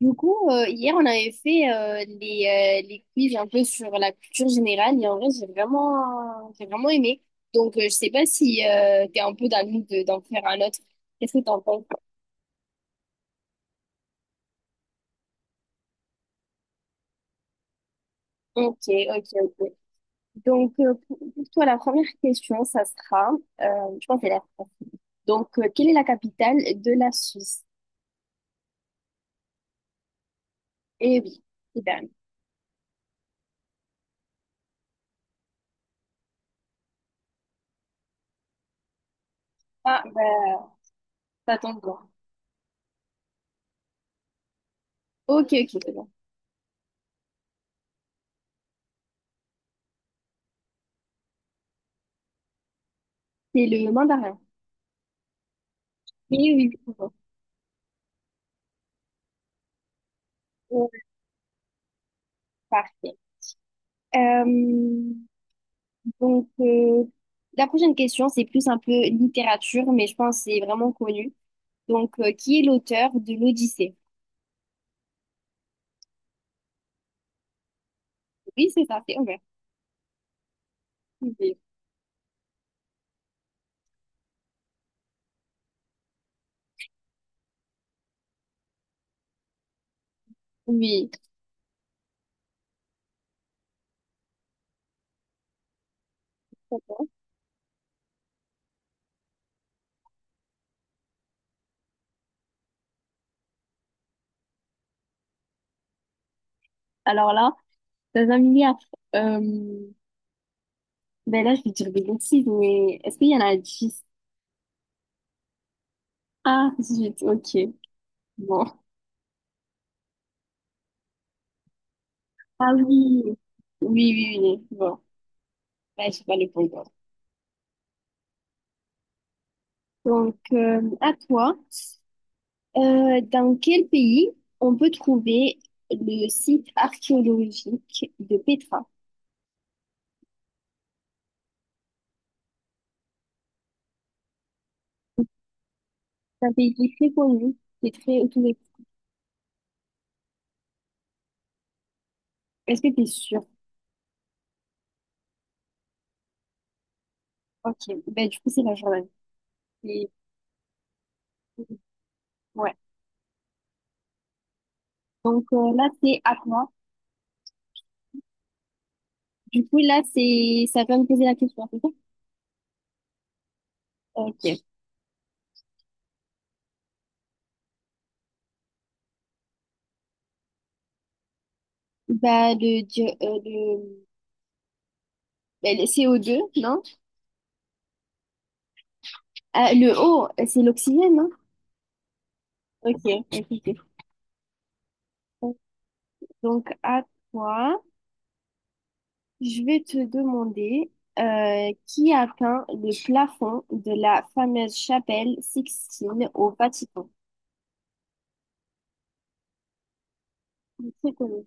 Du coup, hier, on avait fait les quiz un peu sur la culture générale et en vrai, j'ai vraiment aimé. Donc, je sais pas si t'es un peu dans le mood d'en faire un autre. Qu'est-ce que t'en penses? Ok, ok, ok. Donc, pour toi, la première question, ça sera, euh, je pense que c'est la France. Donc, quelle est la capitale de la Suisse? Eh oui, c'est dingue. Ah, bah, ça tombe bien. Ok, ok, c'est bon. C'est le mandarin. Oui, oui, c'est bon. Oh, parfait. Euh, Donc, la prochaine question, c'est plus un peu littérature, mais je pense que c'est vraiment connu. Donc, qui est l'auteur de l'Odyssée? Oui, c'est ça, c'est Homer. Oui. Oui. D'accord. Alors là, dans un milliard, euh, ben là, je vais dire des bêtises, mais est-ce qu'il y en a 10? Ah, 18, ok. Bon. Ah oui. Oui, oui, oui. Bon, ben, je sais pas les répondre. Donc, à toi. Dans quel pays on peut trouver le site archéologique de Petra? C'est un pays qui est très connu, qui est très autour. Est-ce que tu es sûr? Ok, ben, du coup, c'est la Jordanie. C'est- Ouais. Donc là, c'est à toi. Du coup, là, c'est ça vient de poser la question, c'est ça? Ok. Bah, ben, le CO2, non? Ah, le O, c'est l'oxygène, non? Ok, ok, ok. Donc, à toi. Je vais te demander qui a peint le plafond de la fameuse chapelle Sixtine au Vatican. C'est très connu.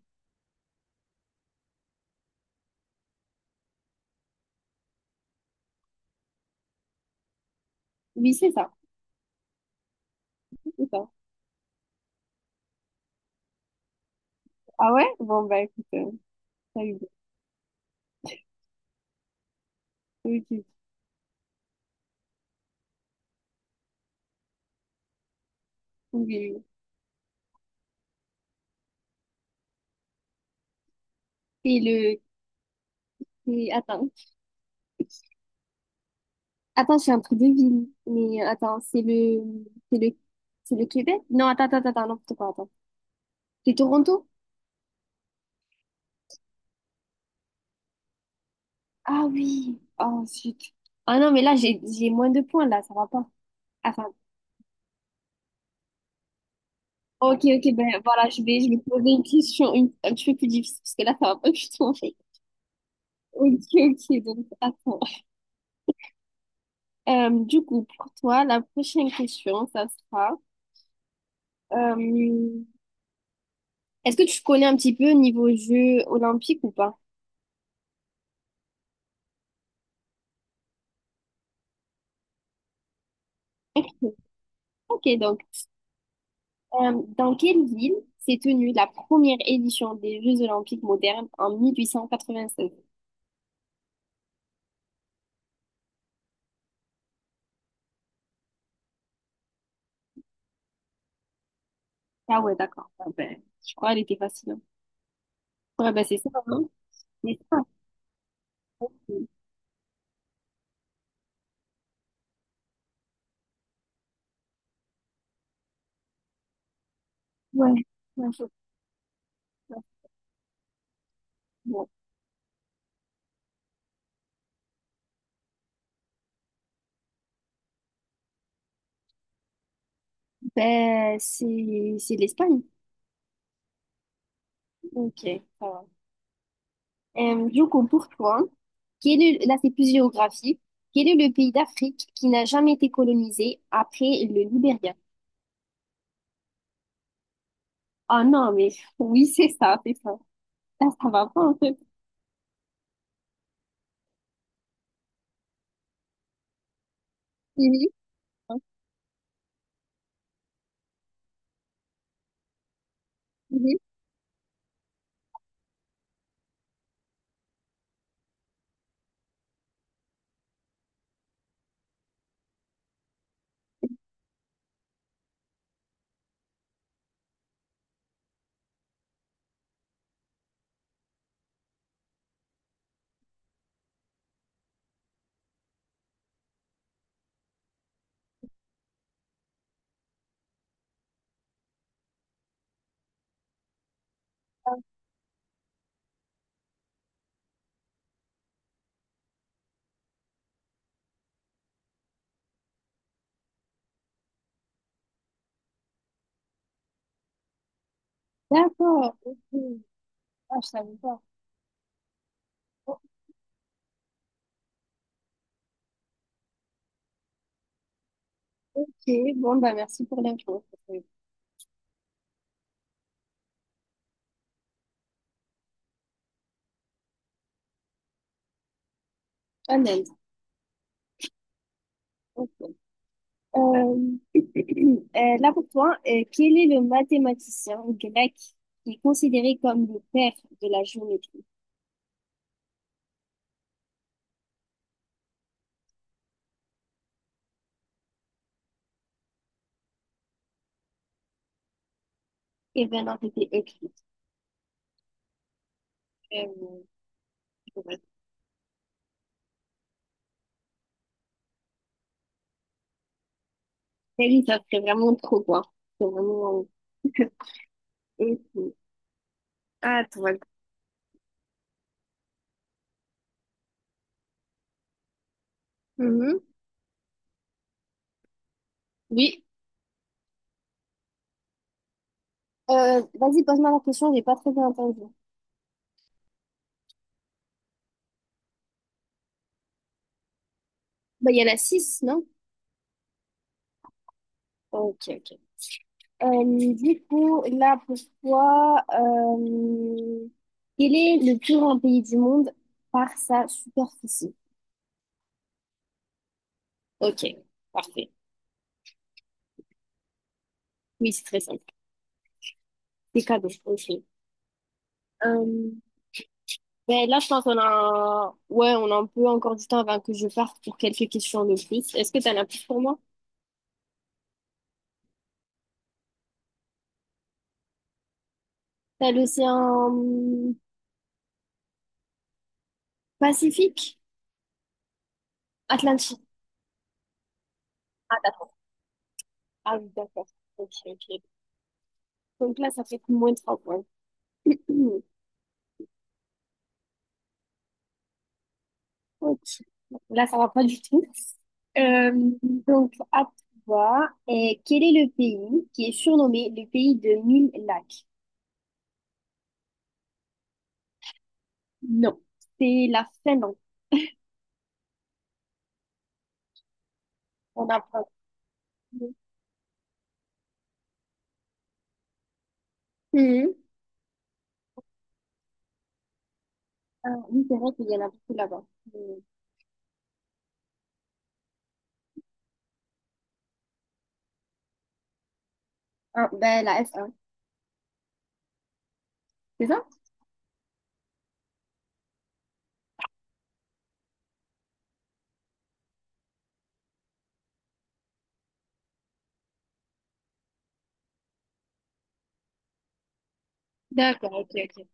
Oui, c'est ça. C'est ça. Ah ouais? Bon, bah écoute, t'as eu bon. Oui, oui, oui, oui. C'est le... Attends. Attends, c'est un truc de ville. Mais attends, C'est le... C'est le Québec? Non, attends, attends, attends, non, pas, attends. C'est Toronto? Ah oui. Oh, zut. Ah non, mais là, j'ai moins de points, là, ça va pas. Attends. Ok, ok, ben voilà, je vais poser une question un petit peu plus difficile, parce que là, ça va pas du tout en fait. Ok, ok, donc attends. Du coup, pour toi, la prochaine question, ça sera... euh, Est-ce que tu connais un petit peu niveau Jeux olympiques ou pas? Ok, donc, dans quelle ville s'est tenue la première édition des Jeux olympiques modernes en 1896? Ah ouais, d'accord. Ah ben, je crois qu'elle était facile, hein. Ouais, ben c'est ça, hein? C'est ça. Ouais. Ouais, ouais. Ben, c'est l'Espagne. Ok, ça va. Du coup, pour toi, quel est, là, c'est plus géographique. Quel est le pays d'Afrique qui n'a jamais été colonisé après le Libéria? Ah non, mais oui, c'est ça, c'est ça. Ça va pas, en fait. Mhm, mhm. D'accord. Ok. Ah, je savais pas. Ok, bon, bah, merci pour l'info. Ça fait un indice. Ok. Euh, là pour toi, quel est le mathématicien grec qui est considéré comme le père de la géométrie? Eh bien, non, c'était Euclide. Euh, ouais. Et lui, ça serait vraiment trop quoi. C'est vraiment. Et puis, Ah, toi. Mhm. Oui. Vas-y, pose-moi la question, j'ai pas très bien entendu. Bah, il y en a six, non? Ok, ok. Du coup, là pour toi, quel est le plus grand pays du monde par sa superficie? Ok, parfait. Oui, c'est très simple. C'est cadeau, ok. Euh, ben là, je pense qu'on a... Ouais, on a un peu encore du temps avant que je parte pour quelques questions de plus. Est-ce que t'en as plus pour moi? T'as l'océan hum, Pacifique? Atlantique. Ah, d'accord. Ah oui, d'accord. Ok, ok. Donc là, ça fait moins de trois points. Hmm, ok. Là, ça va pas du tout. Euh, donc, à toi, et quel est le pays qui est surnommé le pays de mille lacs? Non, c'est la Finlande. On apprend. Mhm. Ah, oui, c'est vrai qu'il y en a beaucoup là-bas. Mhm. Ah, ben, la F1, c'est ça? D'accord, ok, ok.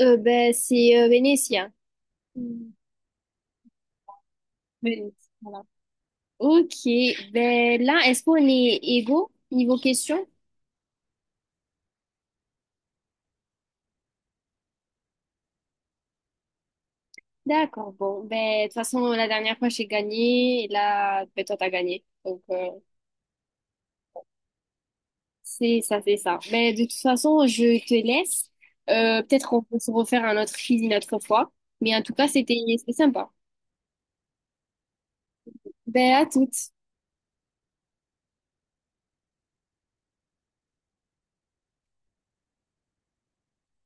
Ben, c'est vénitien. Mhm. Oui, voilà. Ok, ben là, est-ce qu'on est égaux niveau question? D'accord, bon, ben de toute façon, la dernière fois, j'ai gagné, et là, ben toi, t'as gagné. Donc, c'est ça, c'est ça. Ben, de toute façon, je te laisse. Peut-être on peut se refaire un autre quiz une autre fois. Mais en tout cas, c'était sympa. Ben, à toutes.